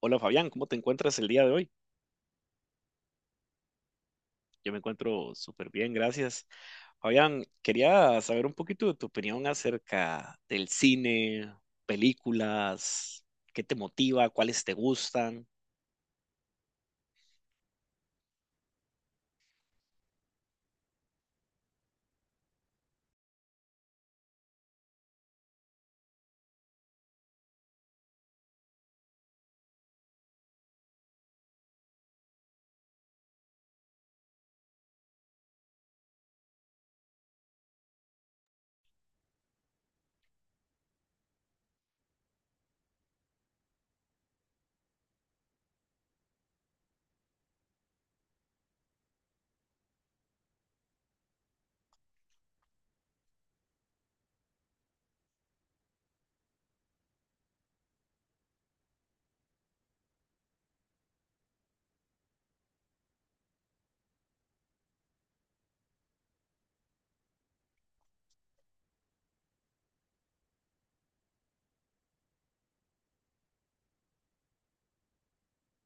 Hola Fabián, ¿cómo te encuentras el día de hoy? Yo me encuentro súper bien, gracias. Fabián, quería saber un poquito de tu opinión acerca del cine, películas, qué te motiva, cuáles te gustan.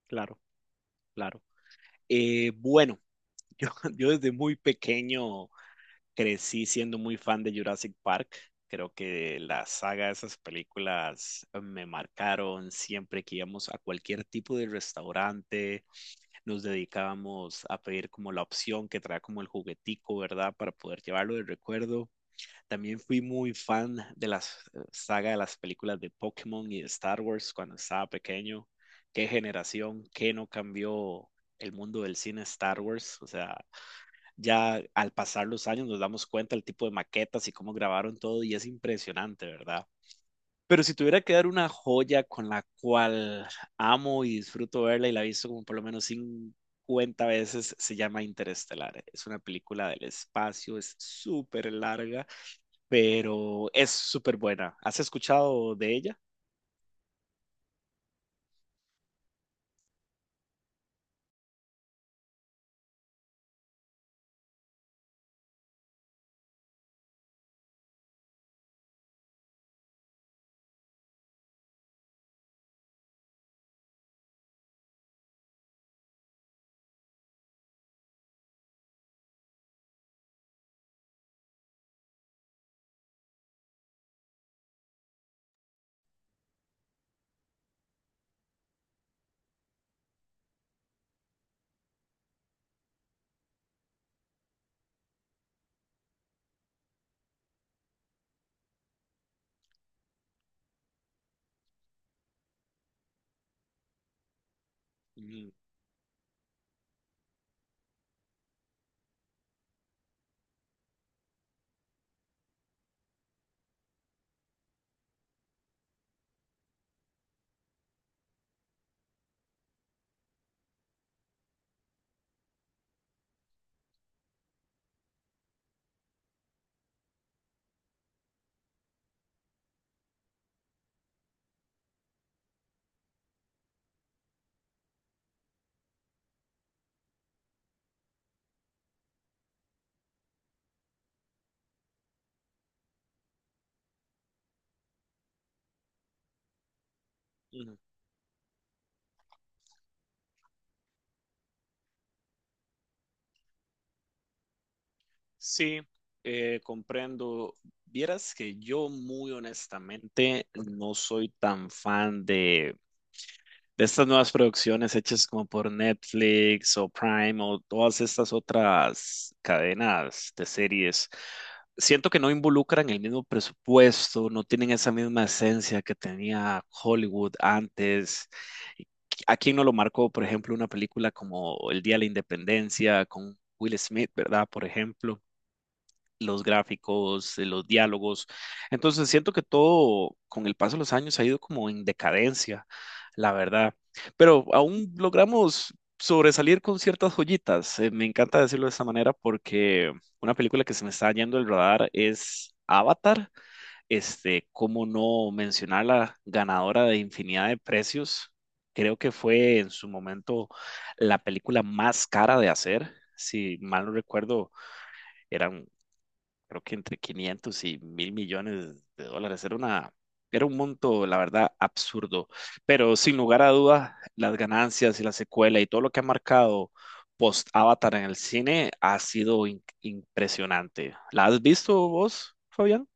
Claro, claro. Bueno, yo desde muy pequeño crecí siendo muy fan de Jurassic Park. Creo que la saga de esas películas me marcaron. Siempre que íbamos a cualquier tipo de restaurante nos dedicábamos a pedir como la opción que trae como el juguetico, ¿verdad? Para poder llevarlo de recuerdo. También fui muy fan de la saga de las películas de Pokémon y de Star Wars cuando estaba pequeño. Qué generación, qué no cambió el mundo del cine Star Wars. O sea, ya al pasar los años nos damos cuenta el tipo de maquetas y cómo grabaron todo y es impresionante, ¿verdad? Pero si tuviera que dar una joya con la cual amo y disfruto verla y la he visto como por lo menos 50 veces, se llama Interestelar. Es una película del espacio, es súper larga, pero es súper buena. ¿Has escuchado de ella? Mm, mm. Sí, comprendo. Vieras que yo muy honestamente no soy tan fan de estas nuevas producciones hechas como por Netflix o Prime o todas estas otras cadenas de series. Siento que no involucran el mismo presupuesto, no tienen esa misma esencia que tenía Hollywood antes. ¿A quién no lo marcó, por ejemplo, una película como El Día de la Independencia con Will Smith, ¿verdad? Por ejemplo los gráficos, los diálogos. Entonces siento que todo con el paso de los años ha ido como en decadencia, la verdad. Pero aún logramos sobresalir con ciertas joyitas. Me encanta decirlo de esta manera porque una película que se me está yendo el radar es Avatar. Este, cómo no mencionar la ganadora de infinidad de precios. Creo que fue en su momento la película más cara de hacer. Si mal no recuerdo, eran creo que entre 500 y 1.000 millones de dólares. Era un monto, la verdad, absurdo. Pero sin lugar a dudas, las ganancias y la secuela y todo lo que ha marcado post Avatar en el cine ha sido impresionante. ¿La has visto vos, Fabián?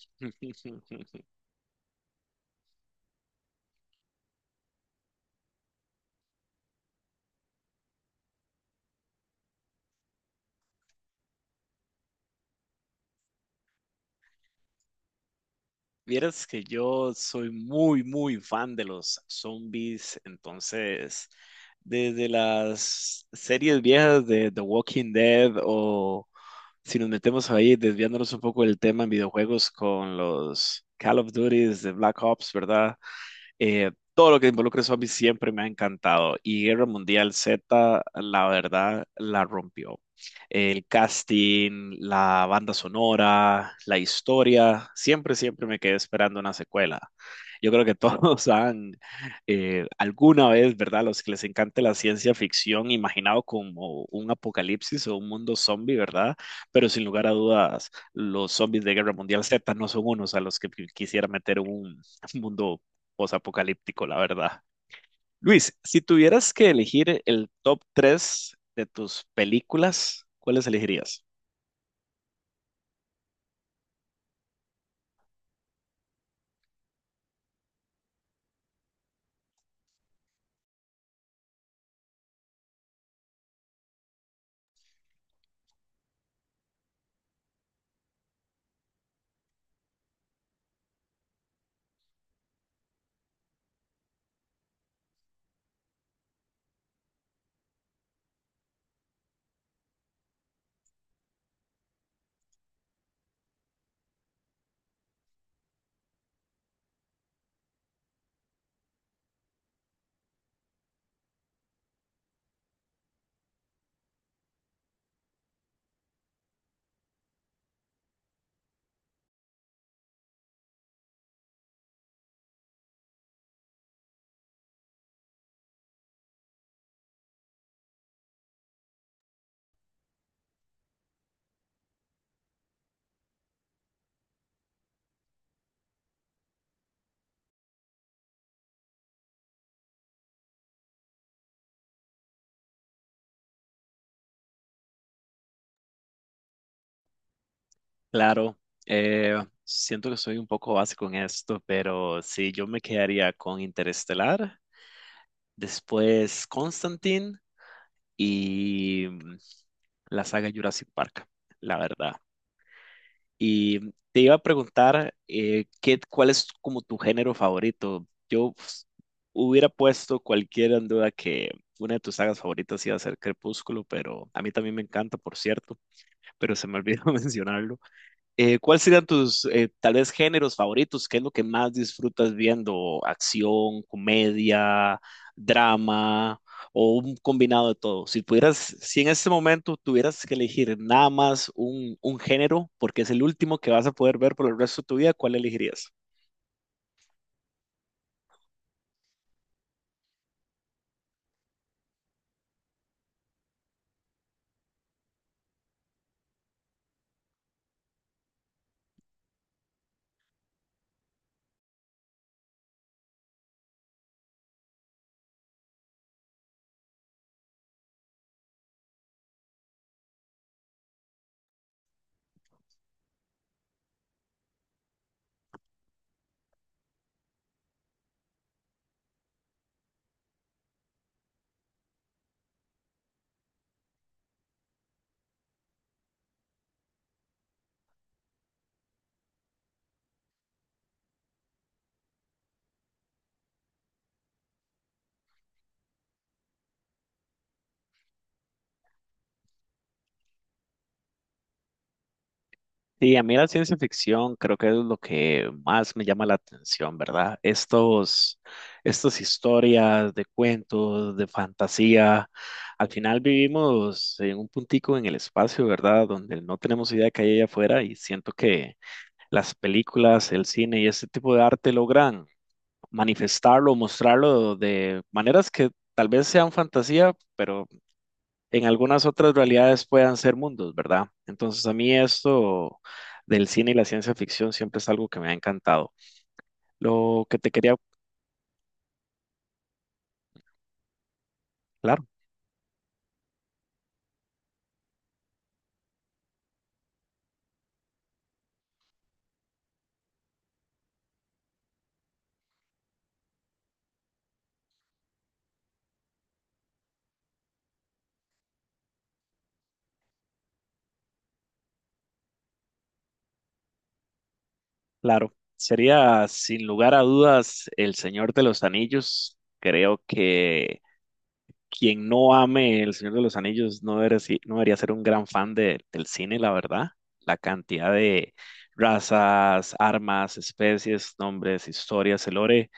Vieras que yo soy muy, muy fan de los zombies, entonces, desde las series viejas de The Walking Dead o, si nos metemos ahí, desviándonos un poco del tema en videojuegos con los Call of Duties de Black Ops, ¿verdad? Todo lo que involucra zombies siempre me ha encantado y Guerra Mundial Z, la verdad, la rompió. El casting, la banda sonora, la historia, siempre, siempre me quedé esperando una secuela. Yo creo que todos han alguna vez, ¿verdad? Los que les encante la ciencia ficción, imaginado como un apocalipsis o un mundo zombie, ¿verdad? Pero sin lugar a dudas, los zombies de Guerra Mundial Z no son unos a los que quisiera meter en un mundo posapocalíptico, la verdad. Luis, si tuvieras que elegir el top 3 de tus películas, ¿cuáles elegirías? Claro, eh, siento que soy un poco básico en esto, pero sí, yo me quedaría con Interestelar, después Constantine y la saga Jurassic Park, la verdad. Y te iba a preguntar, ¿qué, cuál es como tu género favorito? Yo pues, hubiera puesto cualquiera en duda que una de tus sagas favoritas iba a ser Crepúsculo, pero a mí también me encanta, por cierto, pero se me olvidó mencionarlo. ¿Cuáles serían tus, tal vez, géneros favoritos? ¿Qué es lo que más disfrutas viendo? ¿Acción, comedia, drama o un combinado de todo? Si pudieras, si en este momento tuvieras que elegir nada más un género, porque es el último que vas a poder ver por el resto de tu vida, ¿cuál elegirías? Sí, a mí la ciencia ficción creo que es lo que más me llama la atención, ¿verdad? Estos, estas historias de cuentos, de fantasía. Al final vivimos en un puntico en el espacio, ¿verdad? Donde no tenemos idea que hay allá afuera y siento que las películas, el cine y este tipo de arte logran manifestarlo, mostrarlo de maneras que tal vez sean fantasía, pero en algunas otras realidades puedan ser mundos, ¿verdad? Entonces a mí esto del cine y la ciencia ficción siempre es algo que me ha encantado. Lo que te quería, claro, claro, sería sin lugar a dudas El Señor de los Anillos. Creo que quien no ame El Señor de los Anillos no debería, no debería ser un gran fan del cine, la verdad. La cantidad de razas, armas, especies, nombres, historias, el lore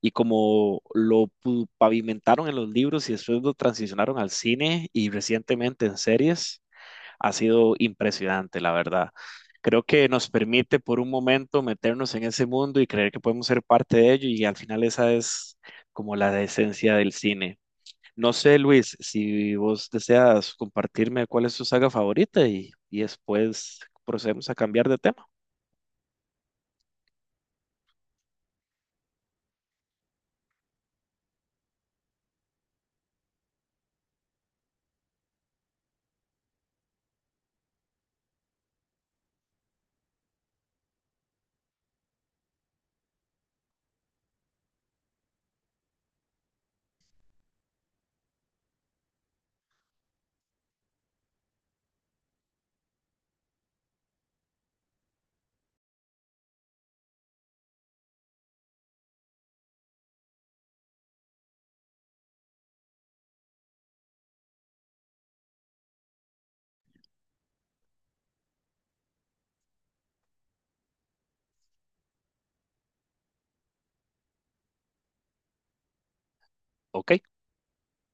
y como lo pavimentaron en los libros y después lo transicionaron al cine y recientemente en series, ha sido impresionante, la verdad. Creo que nos permite por un momento meternos en ese mundo y creer que podemos ser parte de ello y al final esa es como la esencia del cine. No sé, Luis, si vos deseas compartirme cuál es tu saga favorita y después procedemos a cambiar de tema. Ok.